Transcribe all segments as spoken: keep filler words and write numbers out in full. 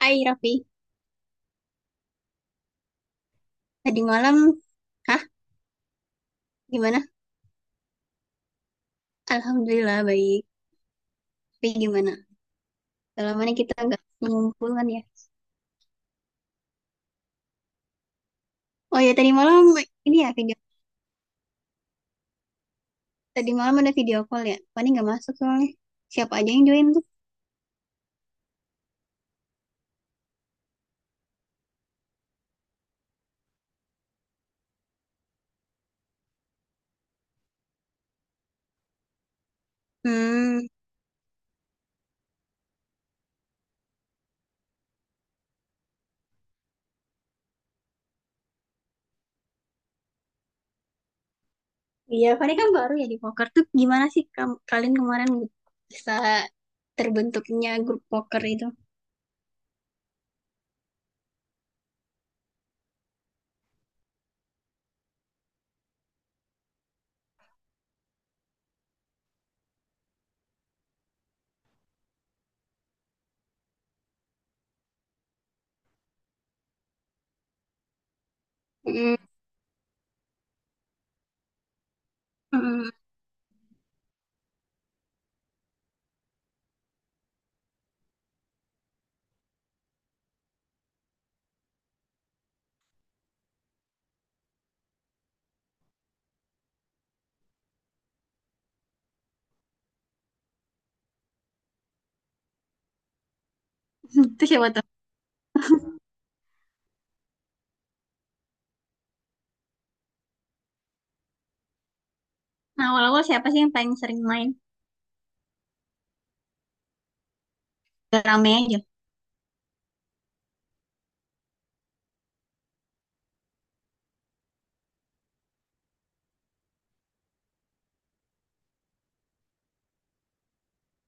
Hai Raffi, tadi malam, hah, gimana? Alhamdulillah baik. Tapi gimana? Kalau mana kita nggak mengumpulkan ya? Oh ya, tadi malam ini ya video. Tadi malam ada video call ya. Fani nggak masuk soalnya. Siapa aja yang join tuh? Hmm, iya Fani kan baru ya di poker tuh. Gimana sih kamu, kalian kemarin bisa terbentuknya grup poker itu? Hmm, hmm. Itu siapa tuh? Nah, awal-awal siapa sih yang paling sering main? Gak Rame aja.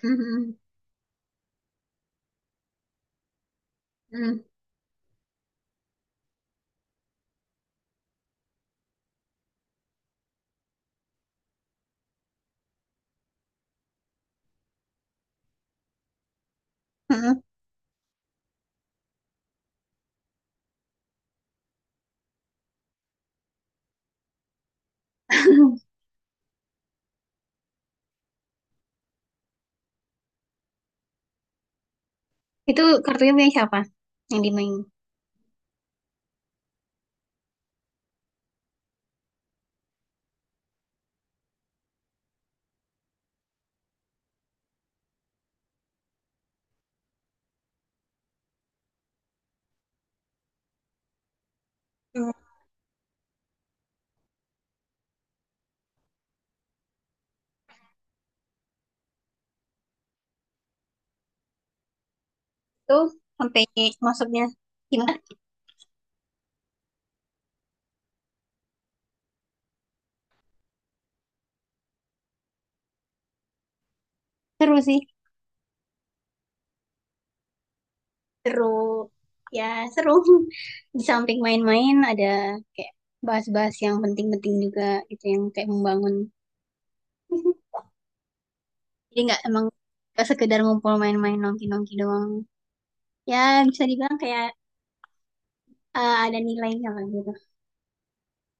Hmm, hmm, hmm. Itu kartunya punya siapa yang dimain? Hmm, Itu sampai masuknya gimana? Seru sih, seru. Ya seru. Di samping main-main ada kayak bahas-bahas yang penting-penting juga gitu yang kayak membangun. Jadi nggak emang nggak sekedar ngumpul main-main nongki-nongki doang. Ya bisa dibilang kayak eh, ada nilainya lah gitu.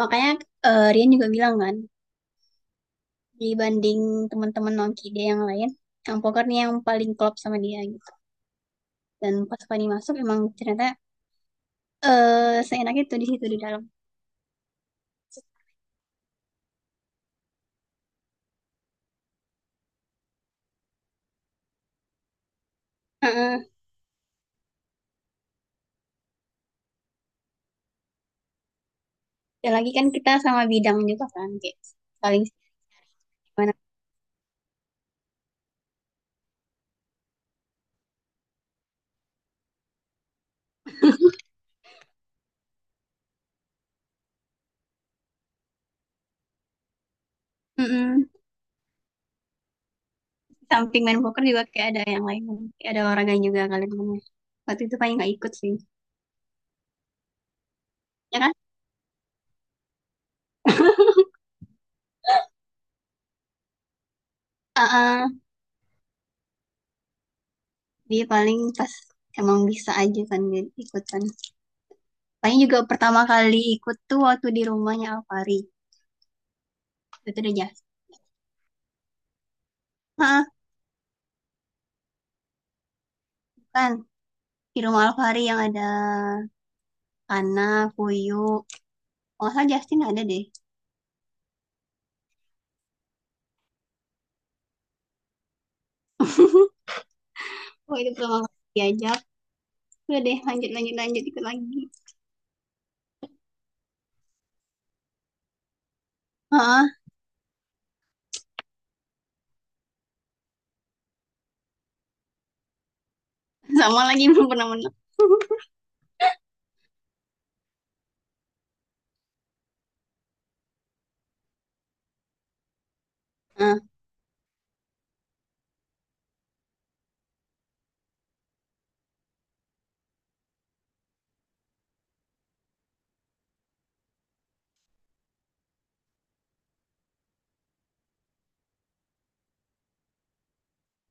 Makanya eh, Rian juga bilang kan, dibanding teman-teman nongki dia yang lain, yang poker nih yang paling klop sama dia gitu. Dan pas Fani masuk emang ternyata eh seenak tuh di situ di dalam. Heeh. Dan lagi kan kita sama bidang juga kan kayak paling gimana. Mm-mm. Samping main poker juga kayak ada yang lain, kayak ada olahraga juga, kalian temennya waktu itu paling nggak ikut sih, ya kan. Heeh. Dia paling pas emang bisa aja kan dia ikutan, paling juga pertama kali ikut tuh waktu di rumahnya Alfari, itu udah jas. Heeh, kan di rumah Alfari yang ada Ana, Puyu, oh salah, Justin ada deh. Oh, itu pertama kali diajak. Udah deh, lanjut, lanjut, lanjut, ikut lagi. Heeh, sama lagi belum pernah menang. Heeh,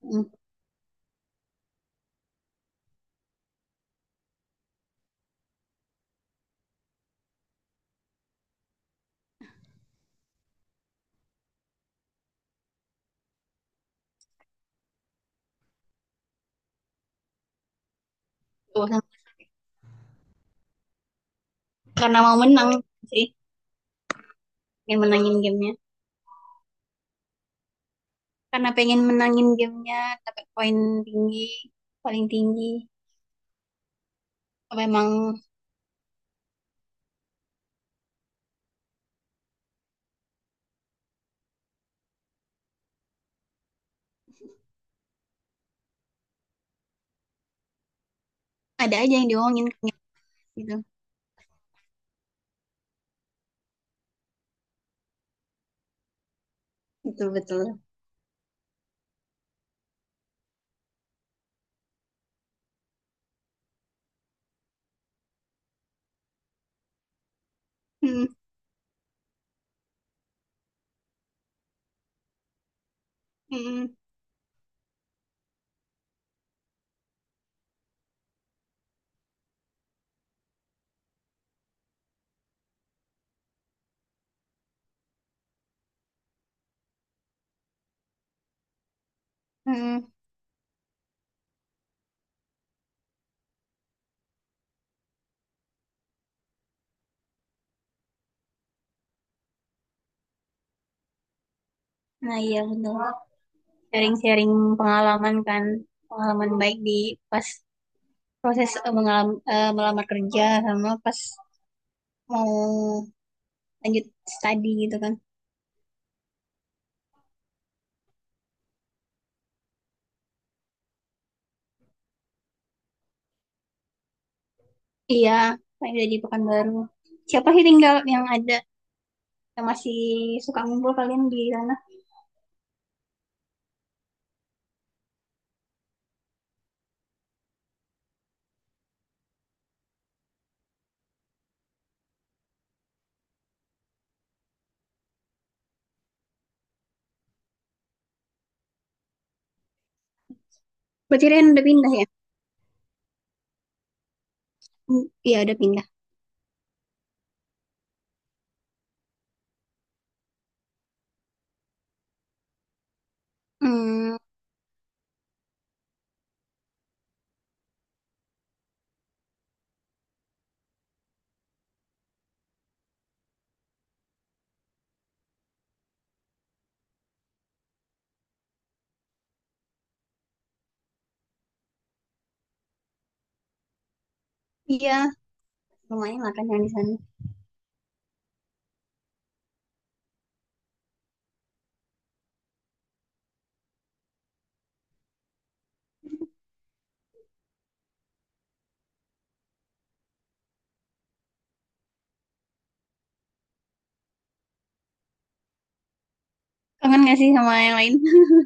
hmm. Tuh, karena mau menang sih, pengen menangin gamenya. Karena pengen menangin gamenya, dapat poin tinggi, paling tinggi. Apa emang ada aja yang diomongin kayak gitu. Betul, betul. Hmm, hmm, hmm. Nah iya betul. Sharing-sharing pengalaman kan, pengalaman baik di pas proses eh, mengalam- eh, melamar kerja, sama pas mau lanjut studi gitu kan. Iya, saya udah di Pekanbaru, siapa sih tinggal yang ada yang masih suka ngumpul kalian di sana? Berarti Rian udah pindah ya? Hmm, iya udah pindah. Hmm. Iya lumayan lah kan yang di sana. Kangen gak sih sama yang lain?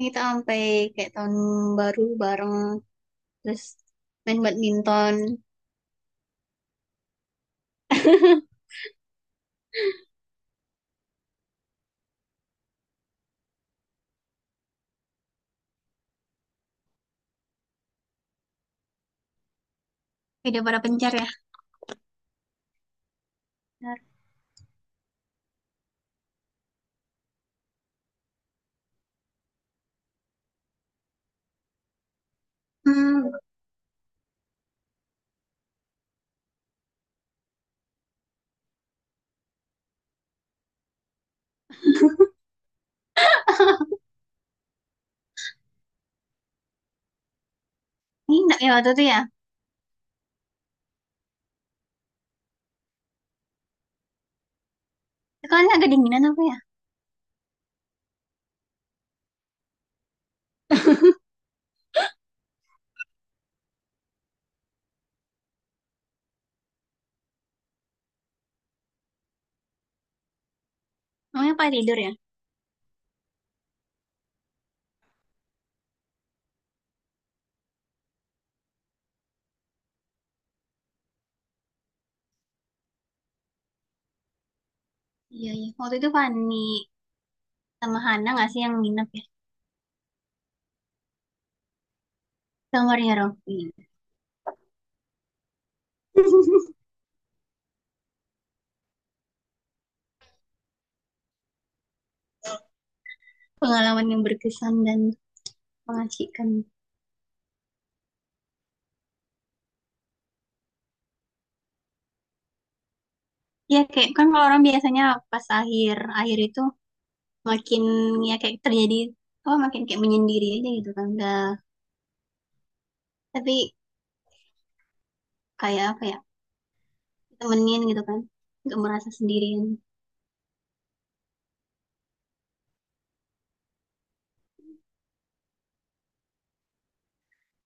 Kita sampai kayak tahun baru bareng, terus main badminton. Udah pada pencar ya. Hmm. Ini enggak ya waktu itu ya. Kalian agak dinginan apa ya. Namanya apa, tidur ya. Iya iya, waktu itu panik, sama Hana nggak sih yang nginep ya, kamarnya Raffi. Pengalaman yang berkesan dan mengasihkan. Ya kayak kan kalau orang biasanya pas akhir akhir itu makin, ya kayak terjadi, oh makin kayak menyendiri aja gitu kan udah. Tapi kayak apa ya, temenin gitu kan, nggak merasa sendirian.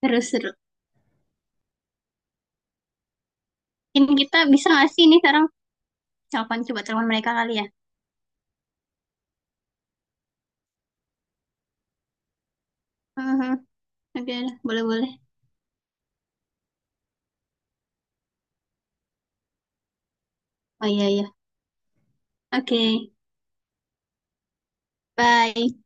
Terus seru. Mungkin kita bisa nggak sih ini sekarang telepon, coba telepon mereka kali ya. Mhm. Oke, boleh boleh. Oh iya iya, oke, bye.